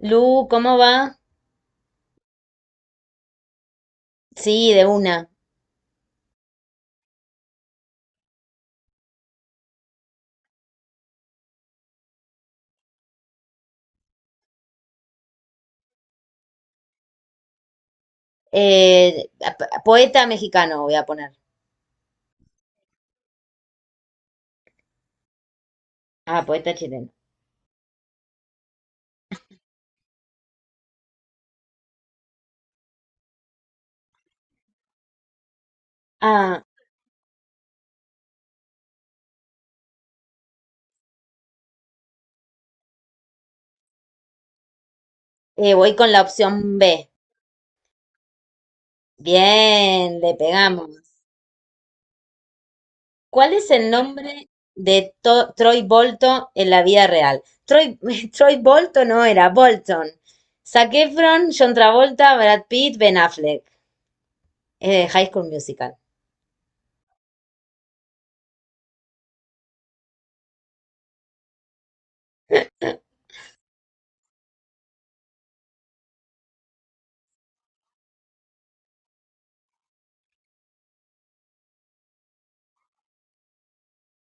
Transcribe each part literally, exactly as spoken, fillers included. Lu, ¿cómo va? Sí, de una. Eh, a- p- poeta mexicano voy a poner. Ah, poeta chileno. Ah, eh, Voy con la opción B. Bien, le pegamos. ¿Cuál es el nombre de To- Troy Bolton en la vida real? Troy, Troy Bolton no era, Bolton. Zac Efron, John Travolta, Brad Pitt, Ben Affleck. Eh, High School Musical.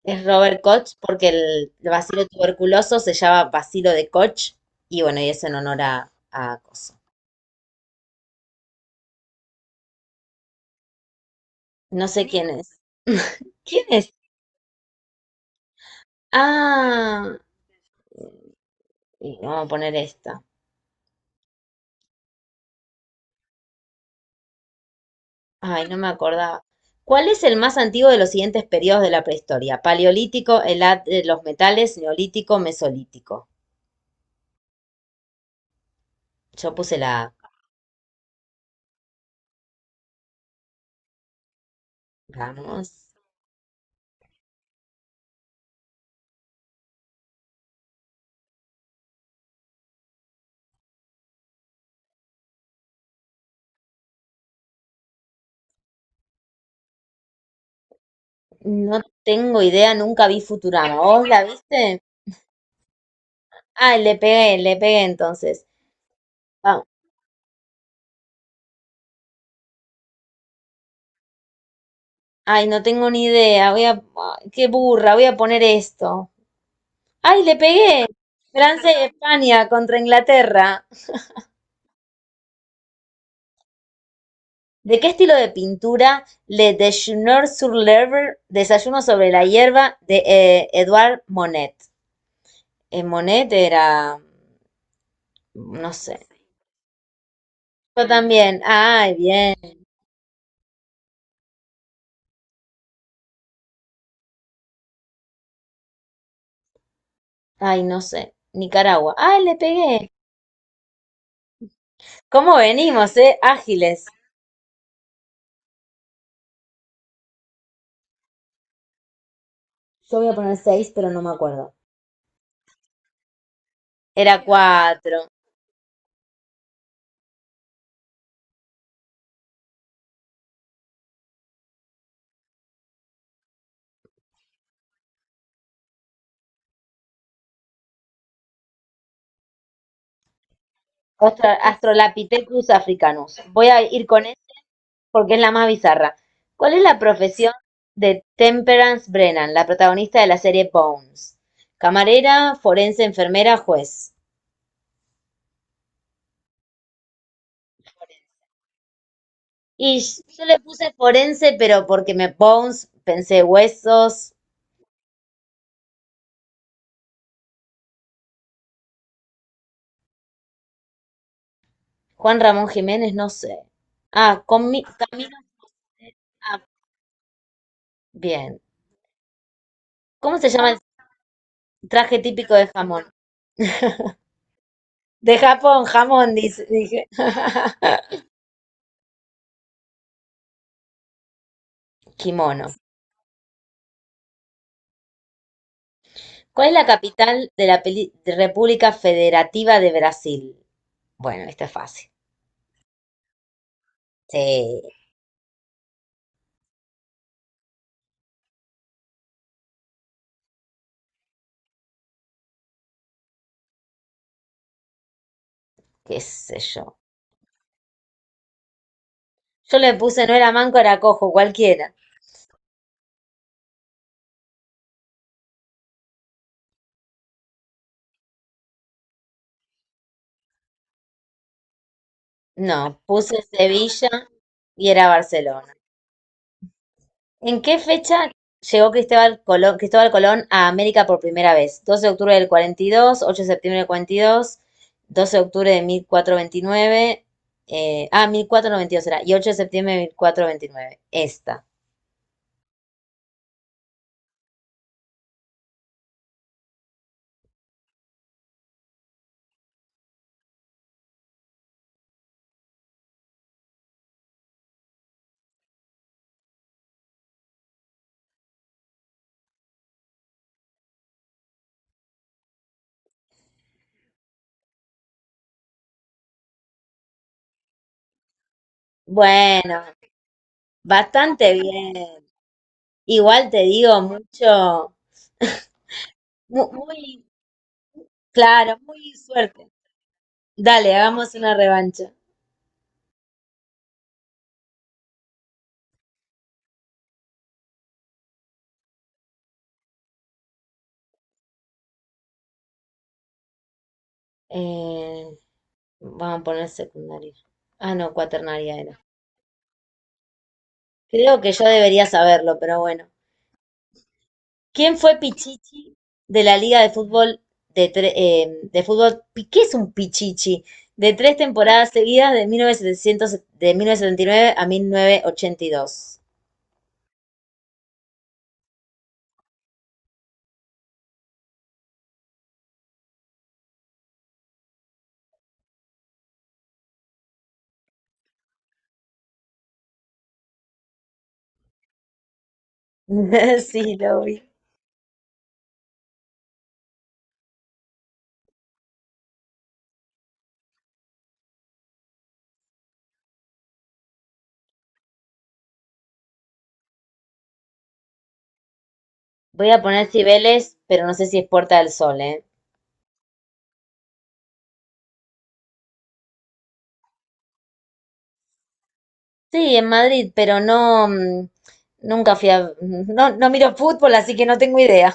Es Robert Koch porque el bacilo tuberculoso se llama bacilo de Koch y bueno, y es en honor a, a Coso. No sé quién es. ¿Quién es? Ah, y vamos a poner esta. Ay, no me acordaba. ¿Cuál es el más antiguo de los siguientes periodos de la prehistoria? Paleolítico, el edad de los metales, neolítico, mesolítico. Yo puse la A. Vamos. No tengo idea, nunca vi Futurama. ¿Vos la viste? Ah, le pegué, le pegué entonces. Ah, Ay, no tengo ni idea. Voy a, ay, qué burra, voy a poner esto. Ay, le pegué. Francia y España contra Inglaterra. ¿De qué estilo de pintura? Le Déjeuner sur l'herbe, Desayuno sobre la hierba, de eh, Edouard Monet. Eh, Monet era, no sé. Yo también. Ay, bien. Ay, no sé. Nicaragua. Ay, le pegué. ¿Cómo venimos, eh? Ágiles. Yo voy a poner seis, pero no me acuerdo. Era cuatro. Ostro- Australopithecus africanus. Voy a ir con eso porque es la más bizarra. ¿Cuál es la profesión de Temperance Brennan, la protagonista de la serie Bones? Camarera, forense, enfermera, juez. Y sh- yo le puse forense, pero porque me Bones, pensé huesos. Juan Ramón Jiménez, no sé. Ah, con mi, Camino. Ah, bien. ¿Cómo se llama el traje típico de jamón? De Japón, jamón, dice, dije. Kimono. ¿Cuál es la capital de la peli- de República Federativa de Brasil? Bueno, esta es fácil. Sí, qué sé yo. Yo le puse, no era manco, era cojo, cualquiera. No, puse Sevilla y era Barcelona. ¿En qué fecha llegó Cristóbal Colón, Cristóbal Colón a América por primera vez? Doce de octubre del cuarenta y dos, ocho de septiembre del cuarenta y dos, doce de octubre de mil cuatrocientos veintinueve, eh, ah, mil cuatrocientos noventa y dos era, y ocho de septiembre de mil cuatrocientos veintinueve. Esta. Bueno, bastante bien. Igual te digo mucho, mu- muy, claro, muy suerte. Dale, hagamos una revancha. Eh, Vamos a poner secundaria. Ah, no, cuaternaria era. Creo que yo debería saberlo, pero bueno. ¿Quién fue Pichichi de la Liga de Fútbol de, tre- eh, de fútbol? pi- ¿Qué es un Pichichi? De tres temporadas seguidas de mil novecientos de mil novecientos setenta y nueve a mil novecientos ochenta y dos. Sí, lo vi. Voy a poner Cibeles, pero no sé si es Puerta del Sol, ¿eh? Sí, en Madrid, pero no, mm, nunca fui a, no, no miro fútbol, así que no tengo idea.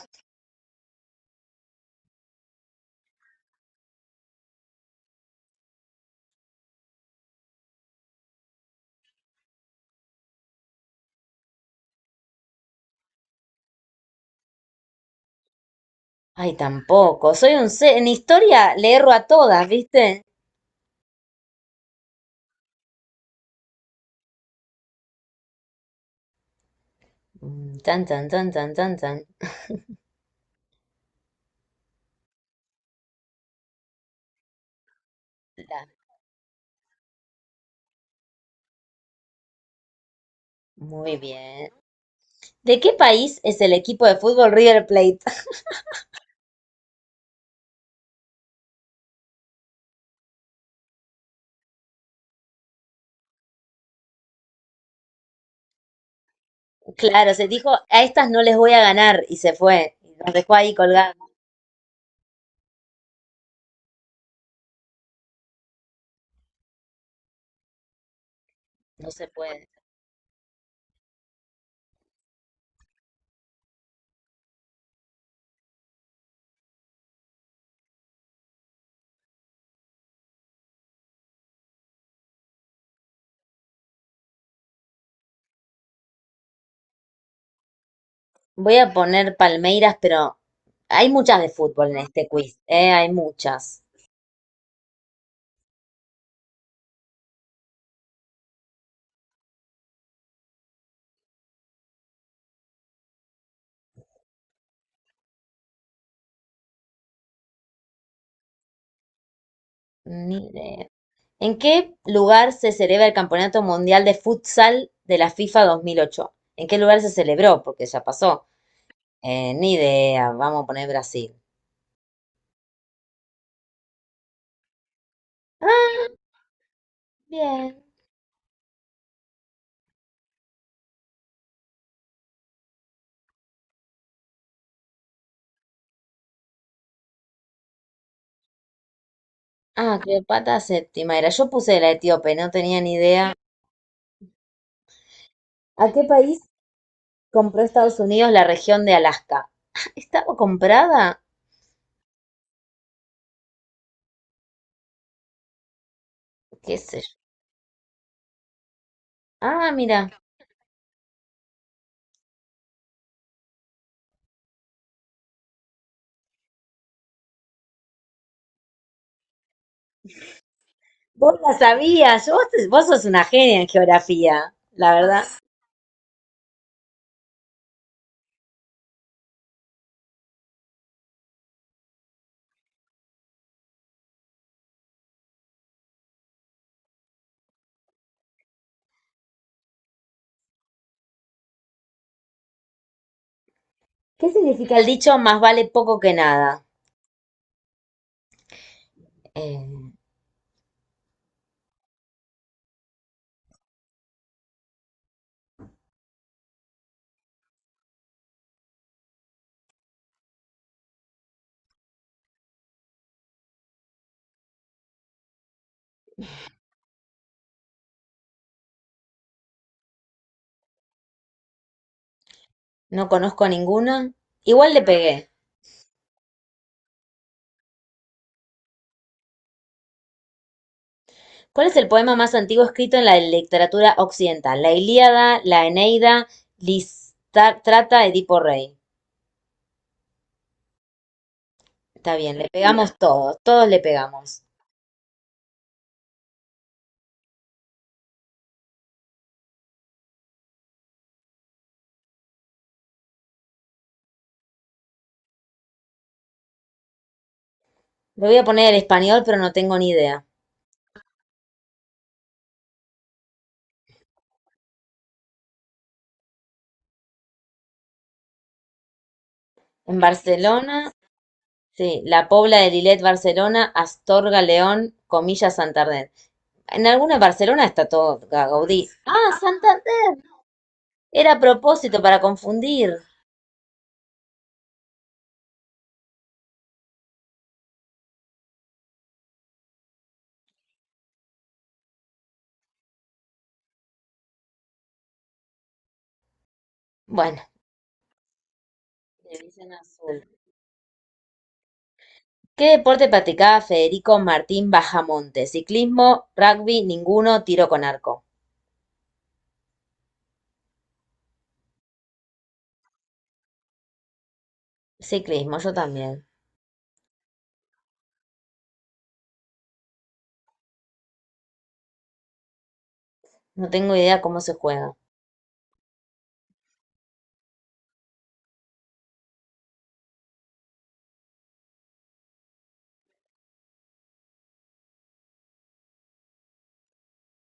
Ay, tampoco. Soy un ce- en historia le erro a todas, ¿viste? Mm, tan, tan, tan, tan, tan, tan. La- Muy bien. ¿De qué país es el equipo de fútbol River Plate? Claro, se dijo, a estas no les voy a ganar y se fue. Y nos dejó ahí colgados. No se puede. Voy a poner Palmeiras, pero hay muchas de fútbol en este quiz, ¿eh? Hay muchas. Ni idea. ¿En qué lugar se celebra el Campeonato Mundial de Futsal de la FIFA dos mil ocho? ¿En qué lugar se celebró? Porque ya pasó. Eh, ni idea, vamos a poner Brasil. Ah, bien. Ah, Cleopatra séptima era. Yo puse la etíope, no tenía ni idea. ¿A qué país compró Estados Unidos la región de Alaska? ¿Estaba comprada? ¿Qué sé yo? Ah, mira, vos la sabías. Vos, vos sos una genia en geografía, la verdad. ¿Qué significa el dicho más vale poco que nada? Eh, no conozco ninguna. Igual le pegué. ¿Cuál es el poema más antiguo escrito en la literatura occidental? La Ilíada, la Eneida, Listrata, Edipo Rey. Está bien, le pegamos todos, todos le pegamos. Le voy a poner el español, pero no tengo ni idea. En Barcelona, sí, La Pobla de Lillet, Barcelona, Astorga, León, comillas, Santander. En alguna Barcelona está todo Gaudí. Ah, Santander. Era a propósito para confundir. Bueno, televisión azul. ¿Qué deporte practicaba Federico Martín Bajamonte? Ciclismo, rugby, ninguno, tiro con arco. Ciclismo, yo también. No tengo idea cómo se juega.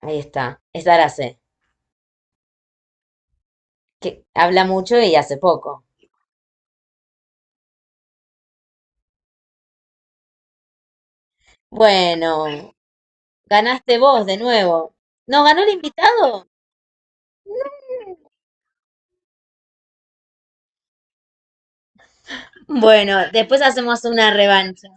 Ahí está. Es sé que habla mucho y hace poco. Bueno, ganaste vos de nuevo. ¿Nos ganó el invitado? Bueno, después hacemos una revancha.